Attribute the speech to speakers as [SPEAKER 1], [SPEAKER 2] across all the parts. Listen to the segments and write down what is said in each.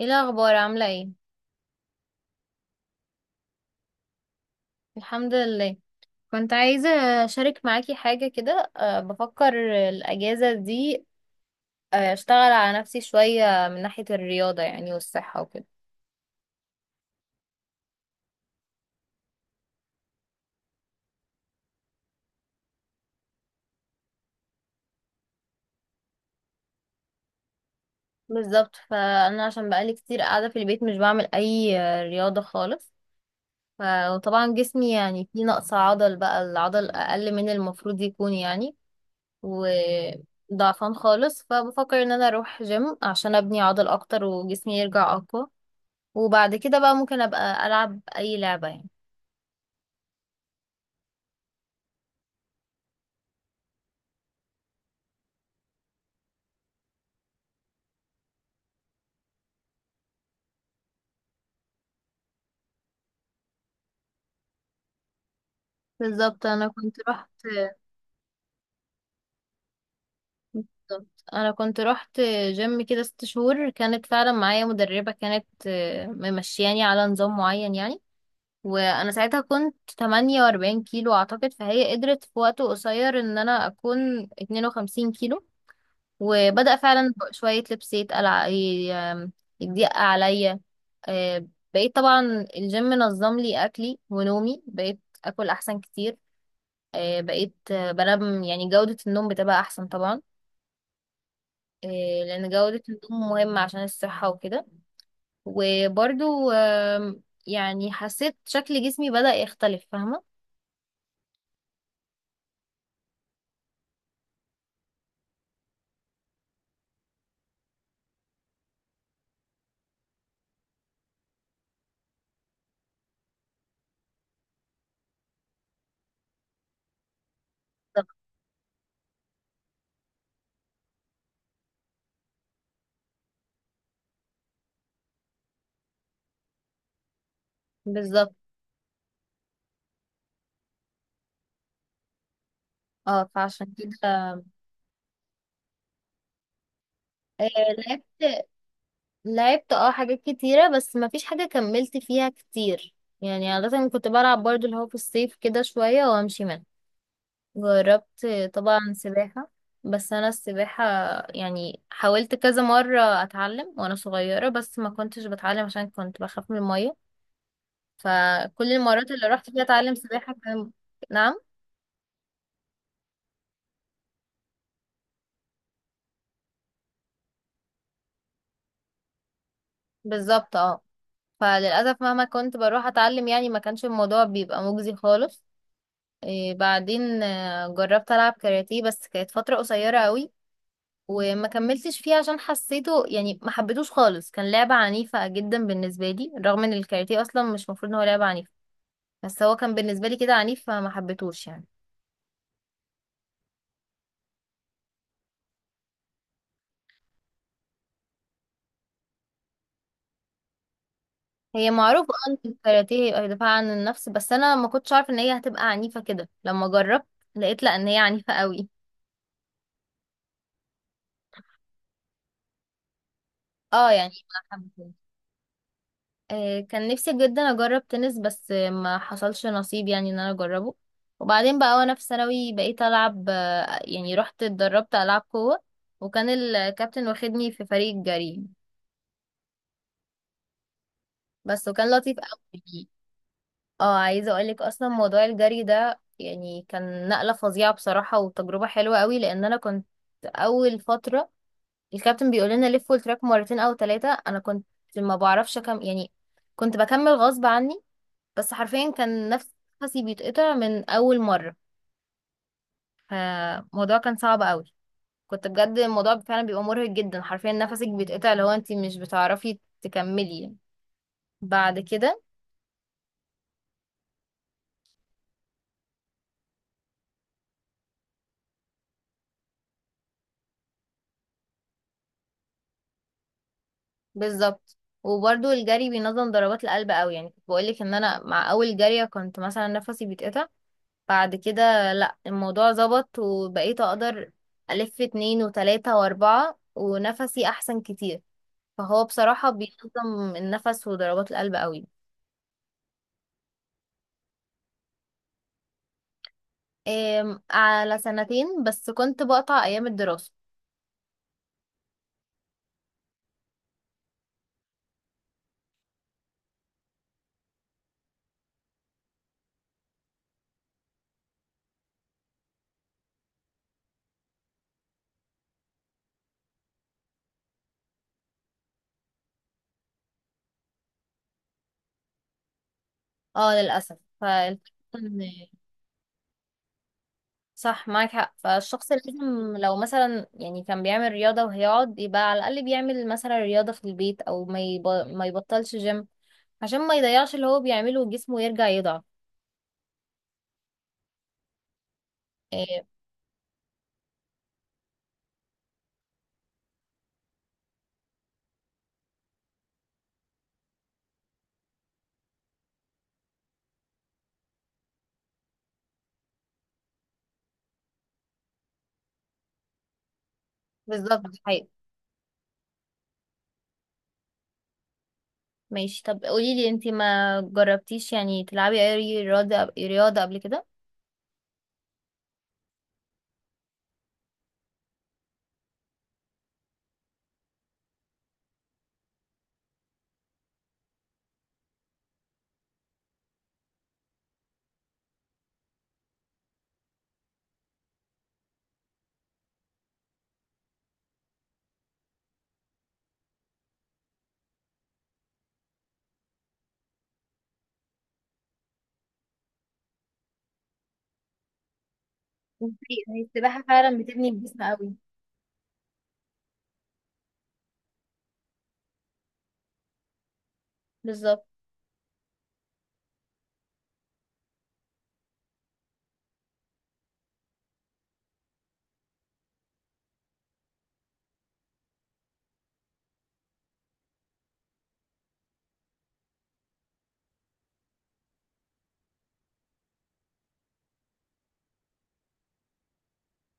[SPEAKER 1] ايه الاخبار؟ عامله ايه؟ الحمد لله. كنت عايزه اشارك معاكي حاجه كده. بفكر الاجازه دي، اشتغل على نفسي شويه من ناحيه الرياضه، يعني، والصحه وكده. بالظبط، فانا عشان بقالي كتير قاعده في البيت، مش بعمل اي رياضه خالص. ف- وطبعا جسمي يعني فيه نقص عضل، بقى العضل اقل من المفروض يكون يعني. وضعفان خالص، فبفكر ان انا اروح جيم عشان ابني عضل اكتر وجسمي يرجع اقوى. وبعد كده بقى ممكن ابقى العب اي لعبة، يعني. بالظبط انا كنت رحت بالظبط، انا كنت رحت جيم كده ست شهور. كانت فعلا معايا مدربة، كانت ممشياني على نظام معين، يعني. وانا ساعتها كنت 48 كيلو اعتقد، فهي قدرت في وقت قصير ان انا اكون 52 كيلو. وبدأ فعلا شوية لبس يتقلع، ي- آم، يضيق عليا. آه، بقيت طبعا الجيم نظم لي اكلي ونومي، بقيت اكل احسن كتير. بقيت بنام، يعني جودة النوم بتبقى أحسن طبعا. آه، لأن جودة النوم مهمة عشان الصحة وكده. وبرضو يعني حسيت شكل جسمي بدأ يختلف، فاهمة. بالظبط. بالظبط. اه، فعشان كده آه، لعبت لعبت حاجات كتيرة بس ما فيش حاجة كملت فيها كتير. يعني عادة كنت بلعب برضو اللي هو في الصيف كده شوية وأمشي منها. جربت طبعا سباحة. بس أنا السباحة يعني حاولت كذا مرة أتعلم وأنا صغيرة، بس ما كنتش بتعلم عشان كنت بخاف من المية. فكل المرات اللي رحت فيها أتعلم سباحة كان... نعم. بالظبط، اه. فللأسف مهما كنت بروح أتعلم، يعني ما كانش الموضوع بيبقى مجزي خالص. إيه، بعدين جربت ألعب كاراتيه، بس كانت فترة قصيرة قوي. وما كملتش فيه عشان حسيته، يعني ما حبيتوش خالص، كان لعبة عنيفة جدا بالنسبة لي، رغم ان الكاراتيه اصلا مش مفروض ان هو لعبة عنيفة. بس هو كان بالنسبة لي كده عنيف، فما حبيتهوش يعني. هي معروفة ان الكاراتيه دفاع عن النفس، بس انا ما كنتش عارفة ان هي هتبقى عنيفة كده لما جربت. لقيت لا، ان هي عنيفة قوي. اه يعني ما حبيتهاش. كان نفسي جدا اجرب تنس، بس ما حصلش نصيب، يعني ان انا اجربه. وبعدين بقى وانا في ثانوي بقيت العب، يعني رحت اتدربت العب قوة. وكان الكابتن واخدني في فريق الجري، بس، وكان لطيف قوي. اه، عايزه اقولك، اصلا موضوع الجري ده يعني كان نقله فظيعه بصراحه وتجربه حلوه قوي، لان انا كنت اول فتره الكابتن بيقول لنا لفوا التراك مرتين او ثلاثه، انا كنت ما بعرفش كم يعني. كنت بكمل غصب عني. بس حرفيا كان نفس نفسي بيتقطع من اول مره. فالموضوع كان صعب قوي. كنت بجد الموضوع فعلا بيبقى مرهق جدا، حرفيا نفسك بيتقطع لو انت مش بتعرفي تكملي. بعد كده بالظبط. وبرده الجري بينظم ضربات القلب قوي. يعني كنت بقولك ان انا مع اول جريه كنت مثلا نفسي بيتقطع، بعد كده لا، الموضوع ظبط وبقيت اقدر الف اتنين وتلاتة واربعة ونفسي احسن كتير. فهو بصراحة بينظم النفس وضربات القلب قوي. إيه، على سنتين، بس كنت بقطع ايام الدراسة. اه للأسف، فالفكرة. إن- صح، معاك حق. فالشخص لازم لو مثلا يعني كان بيعمل رياضة وهيقعد، يبقى على الأقل بيعمل مثلا رياضة في البيت، أو ما يبطلش جيم عشان ما يضيعش اللي هو بيعمله وجسمه يرجع يضعف. إيه. بالظبط، دي حقيقة. ماشي، طب قوليلي انتي ما جربتيش يعني تلعبي اي رياضة، رياضة، قبل كده؟ دي حقيقة، هي السباحة فعلا بتبني الجسم قوي. بالظبط.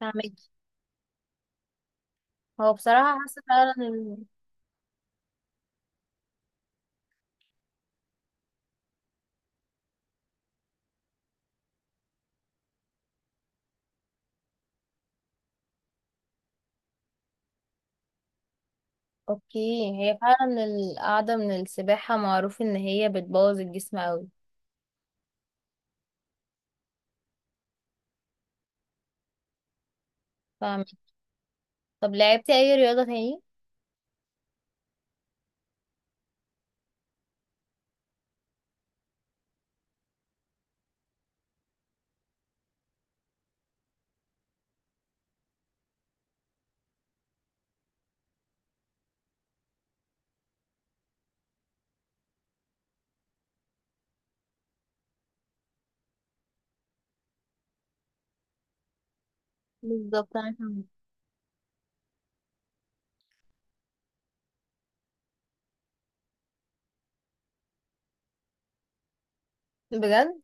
[SPEAKER 1] فاهمك. هو بصراحة حاسة فعلا. اوكي. هي فعلا القعدة من السباحة معروف ان هي بتبوظ الجسم اوي. فاهمك. طب لعبتي اي رياضة تاني؟ بالظبط، انا فاهمة. بجد؟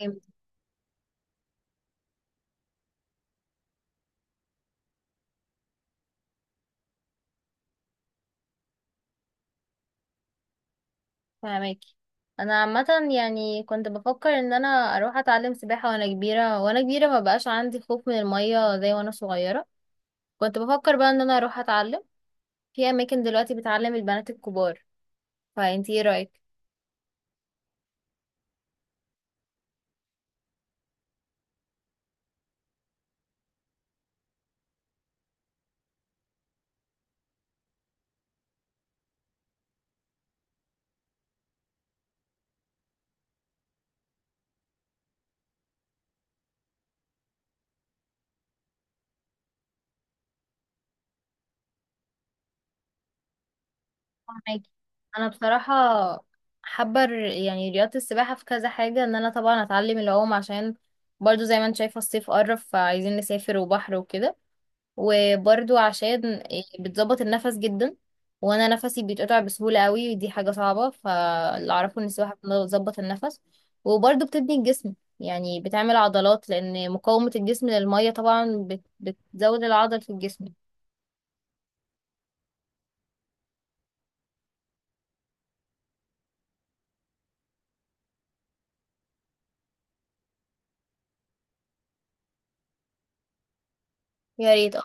[SPEAKER 1] جامد. فاهماكي. انا عامة، يعني كنت بفكر ان انا اروح اتعلم سباحة وانا كبيرة، وانا كبيرة ما بقاش عندي خوف من المية زي وانا صغيرة. كنت بفكر بقى ان انا اروح اتعلم في اماكن دلوقتي بتعلم البنات الكبار. فانتي ايه رأيك؟ فهماكي. انا بصراحه يعني رياضه السباحه في كذا حاجه، ان انا طبعا اتعلم العوم عشان، برضو زي ما انت شايفه، الصيف قرب فعايزين نسافر وبحر وكده. وبرضو عشان بتظبط النفس جدا، وانا نفسي بيتقطع بسهوله قوي، ودي حاجه صعبه. فاللي اعرفه ان السباحه بتظبط النفس، وبرضو بتبني الجسم، يعني بتعمل عضلات، لان مقاومه الجسم للميه طبعا بتزود العضل في الجسم. يا ريت، اه.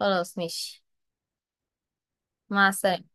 [SPEAKER 1] خلاص ماشي. مع السلامه.